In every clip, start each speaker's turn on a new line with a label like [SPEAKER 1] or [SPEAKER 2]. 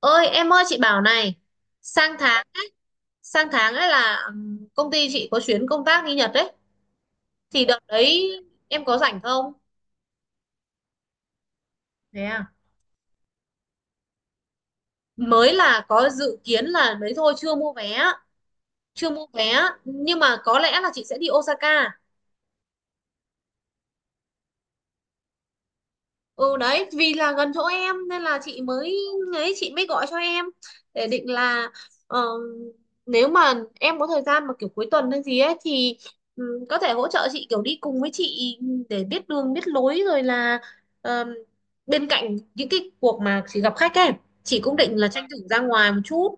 [SPEAKER 1] Ơi em ơi, chị bảo này. Sang tháng sang tháng ấy là công ty chị có chuyến công tác đi Nhật đấy. Thì đợt đấy em có rảnh không? Thế à? Mới là có dự kiến là đấy thôi, chưa mua vé. Chưa mua vé nhưng mà có lẽ là chị sẽ đi Osaka. Ừ đấy, vì là gần chỗ em nên là chị mới gọi cho em. Để định là ờ, nếu mà em có thời gian mà kiểu cuối tuần hay gì ấy thì có thể hỗ trợ chị, kiểu đi cùng với chị để biết đường biết lối. Rồi là ờ, bên cạnh những cái cuộc mà chị gặp khách ấy, chị cũng định là tranh thủ ra ngoài một chút.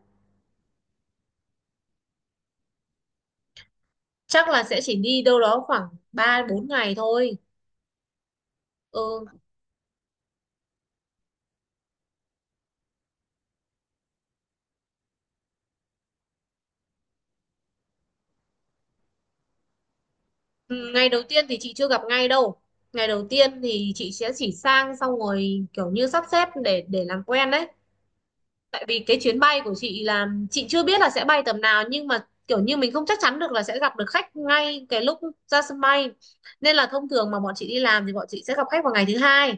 [SPEAKER 1] Chắc là sẽ chỉ đi đâu đó khoảng 3-4 ngày thôi. Ừ. Ừ, ngày đầu tiên thì chị chưa gặp ngay đâu. Ngày đầu tiên thì chị sẽ chỉ sang xong rồi kiểu như sắp xếp để làm quen đấy. Tại vì cái chuyến bay của chị là chị chưa biết là sẽ bay tầm nào, nhưng mà kiểu như mình không chắc chắn được là sẽ gặp được khách ngay cái lúc ra sân bay. Nên là thông thường mà bọn chị đi làm thì bọn chị sẽ gặp khách vào ngày thứ hai.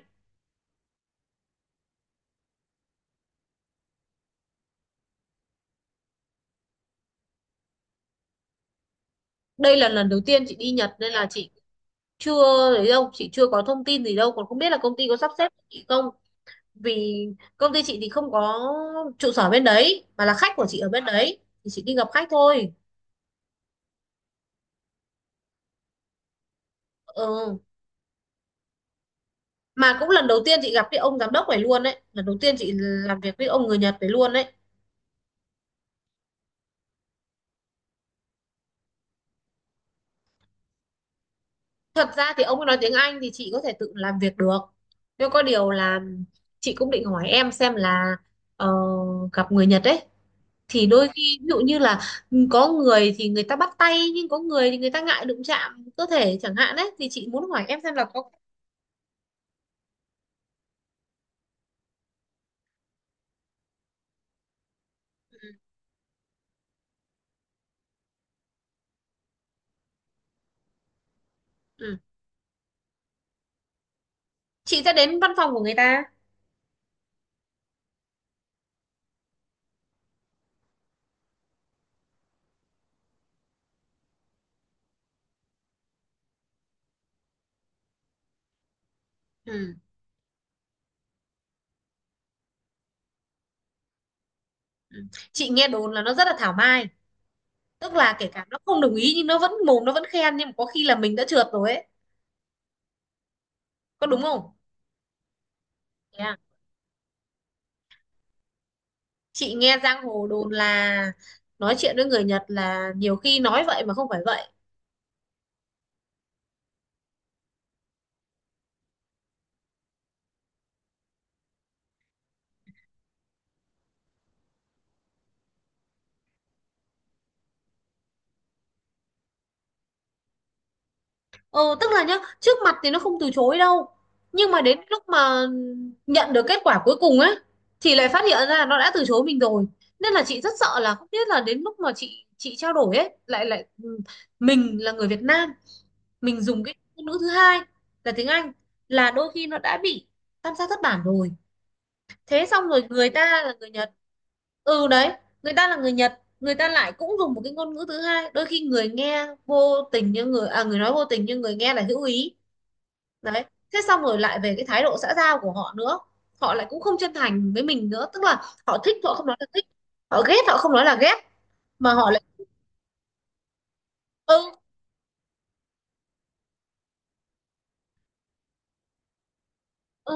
[SPEAKER 1] Đây là lần đầu tiên chị đi Nhật nên là chị chưa đấy đâu, chị chưa có thông tin gì đâu, còn không biết là công ty có sắp xếp cho chị không. Vì công ty chị thì không có trụ sở bên đấy, mà là khách của chị ở bên đấy, thì chị đi gặp khách thôi. Ừ. Mà cũng lần đầu tiên chị gặp cái ông giám đốc này luôn đấy, lần đầu tiên chị làm việc với ông người Nhật này luôn đấy. Thật ra thì ông ấy nói tiếng Anh thì chị có thể tự làm việc được, nhưng có điều là chị cũng định hỏi em xem là ờ, gặp người Nhật ấy thì đôi khi ví dụ như là có người thì người ta bắt tay, nhưng có người thì người ta ngại đụng chạm cơ thể chẳng hạn đấy, thì chị muốn hỏi em xem là có. Ừ. Chị sẽ đến văn phòng của người ta. Ừ. Ừ. Chị nghe đồn là nó rất là thảo mai, tức là kể cả nó không đồng ý nhưng nó vẫn mồm, nó vẫn khen, nhưng mà có khi là mình đã trượt rồi ấy, có đúng không? Thế à? Chị nghe giang hồ đồn là nói chuyện với người Nhật là nhiều khi nói vậy mà không phải vậy. Ừ, tức là nhá, trước mặt thì nó không từ chối đâu, nhưng mà đến lúc mà nhận được kết quả cuối cùng ấy thì lại phát hiện ra là nó đã từ chối mình rồi. Nên là chị rất sợ là không biết là đến lúc mà chị trao đổi ấy. Lại lại ừ, Mình là người Việt Nam, mình dùng cái ngôn ngữ thứ hai là tiếng Anh, là đôi khi nó đã bị tam sao thất bản rồi. Thế xong rồi người ta là người Nhật. Ừ đấy, người ta là người Nhật, người ta lại cũng dùng một cái ngôn ngữ thứ hai, đôi khi người nghe vô tình như người nói vô tình nhưng người nghe là hữu ý, đấy. Thế xong rồi lại về cái thái độ xã giao của họ nữa, họ lại cũng không chân thành với mình nữa, tức là họ thích họ không nói là thích, họ ghét họ không nói là ghét, mà họ lại. Ừ. Ừ.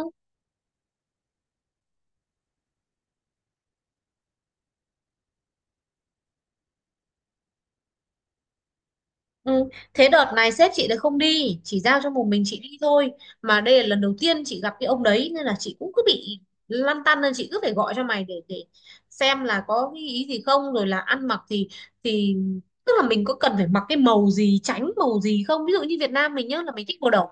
[SPEAKER 1] Ừ. Thế đợt này sếp chị lại không đi, chỉ giao cho một mình chị đi thôi. Mà đây là lần đầu tiên chị gặp cái ông đấy nên là chị cũng cứ bị lăn tăn, nên chị cứ phải gọi cho mày để xem là có cái ý gì không, rồi là ăn mặc thì tức là mình có cần phải mặc cái màu gì, tránh màu gì không, ví dụ như Việt Nam mình nhá là mình thích màu đỏ.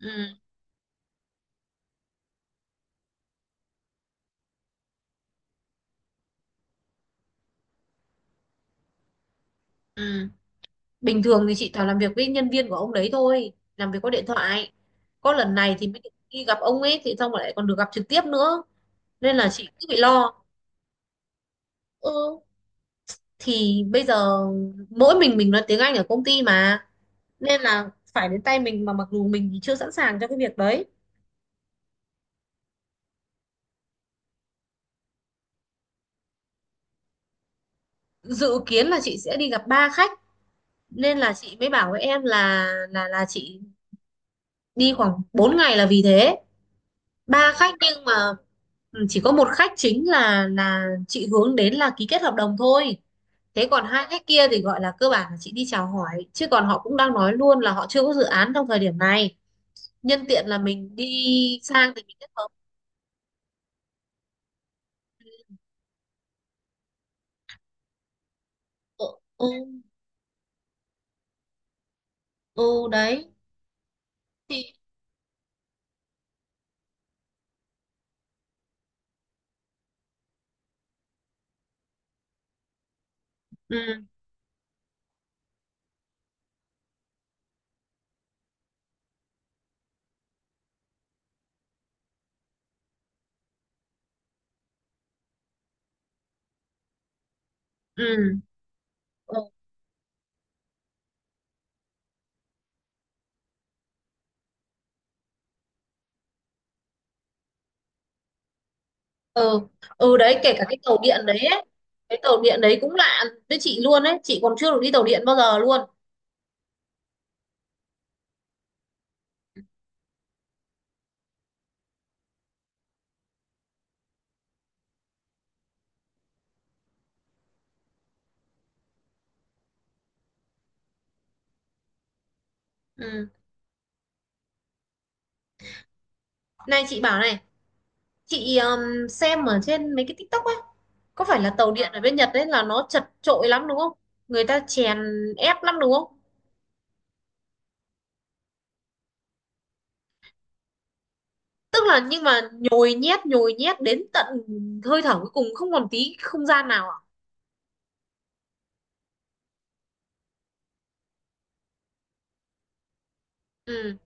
[SPEAKER 1] Ừ. Ừ. Bình thường thì chị toàn làm việc với nhân viên của ông đấy thôi, làm việc qua điện thoại. Có lần này thì mới được đi gặp ông ấy, thì xong rồi lại còn được gặp trực tiếp nữa, nên là chị cứ bị lo. Ừ, thì bây giờ mỗi mình nói tiếng Anh ở công ty mà, nên là phải đến tay mình, mà mặc dù mình thì chưa sẵn sàng cho cái việc đấy. Dự kiến là chị sẽ đi gặp ba khách, nên là chị mới bảo với em là chị đi khoảng 4 ngày là vì thế. Ba khách, nhưng mà chỉ có một khách chính là chị hướng đến là ký kết hợp đồng thôi. Thế còn hai khách kia thì gọi là cơ bản là chị đi chào hỏi, chứ còn họ cũng đang nói luôn là họ chưa có dự án trong thời điểm này. Nhân tiện là mình đi sang thì mình kết hợp. Ừ, ừ. Ừ đấy thì. Ừ. Ừ. Ừ. ừ, ừ đấy, kể cả cái tàu điện đấy ấy. Cái tàu điện đấy cũng lạ với chị luôn đấy, chị còn chưa được đi tàu điện bao giờ luôn. Ừ. Này chị bảo này, chị xem ở trên mấy cái TikTok ấy, có phải là tàu điện ở bên Nhật đấy là nó chật chội lắm đúng không? Người ta chèn ép lắm đúng không? Tức là nhưng mà nhồi nhét đến tận hơi thở cuối cùng không còn tí không gian nào à? Ừ.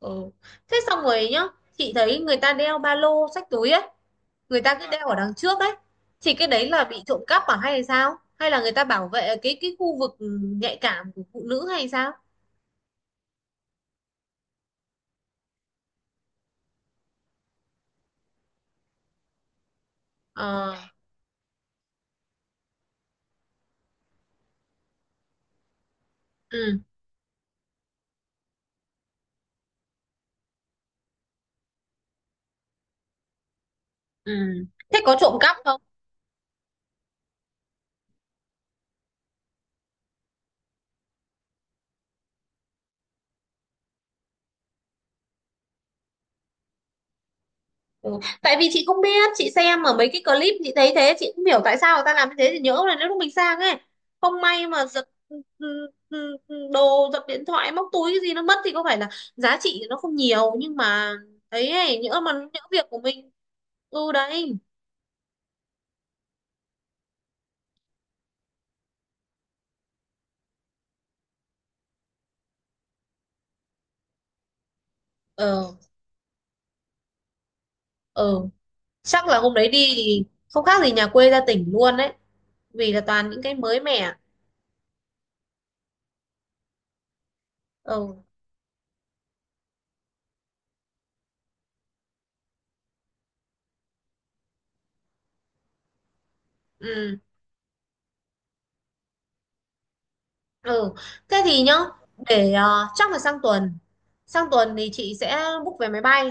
[SPEAKER 1] Ừ. Thế xong rồi nhá, chị thấy người ta đeo ba lô xách túi ấy, người ta cứ đeo ở đằng trước đấy, thì cái đấy là bị trộm cắp à, hay là sao, hay là người ta bảo vệ cái khu vực nhạy cảm của phụ nữ hay sao? Ờ. Ừ. Ừ. Thế có trộm cắp không? Ừ. Tại vì chị không biết, chị xem ở mấy cái clip chị thấy thế, chị không hiểu tại sao người ta làm như thế, thì nhỡ là nếu lúc mình sang ấy không may mà giật đồ, giật điện thoại, móc túi cái gì nó mất, thì có phải là giá trị nó không nhiều nhưng mà ấy ấy, nhỡ mà nhỡ việc của mình. Ừ đấy. ờ ừ, Chắc là hôm đấy đi thì không khác gì nhà quê ra tỉnh luôn đấy, vì là toàn những cái mới mẻ. Ừ. Ừ. Ừ. Thế thì nhá, để chắc là sang tuần thì chị sẽ book vé máy bay.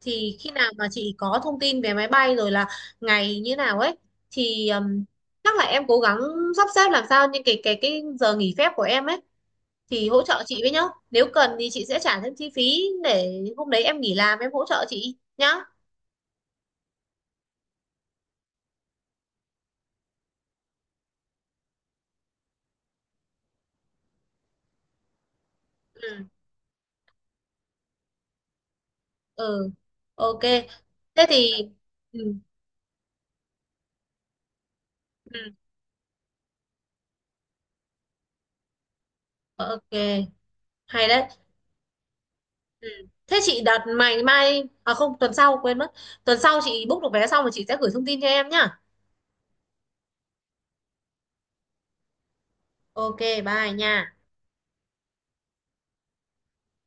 [SPEAKER 1] Thì khi nào mà chị có thông tin về máy bay rồi là ngày như nào ấy thì chắc là em cố gắng sắp xếp làm sao những cái giờ nghỉ phép của em ấy thì hỗ trợ chị với nhá. Nếu cần thì chị sẽ trả thêm chi phí để hôm đấy em nghỉ làm, em hỗ trợ chị nhá. Ừ. Ừ. OK. Thế thì ừ, ừ, OK. Hay đấy. Ừ. Thế chị đặt mày mai à, không, tuần sau quên mất. Tuần sau chị book được vé xong rồi chị sẽ gửi thông tin cho em nhá. OK, bye nha.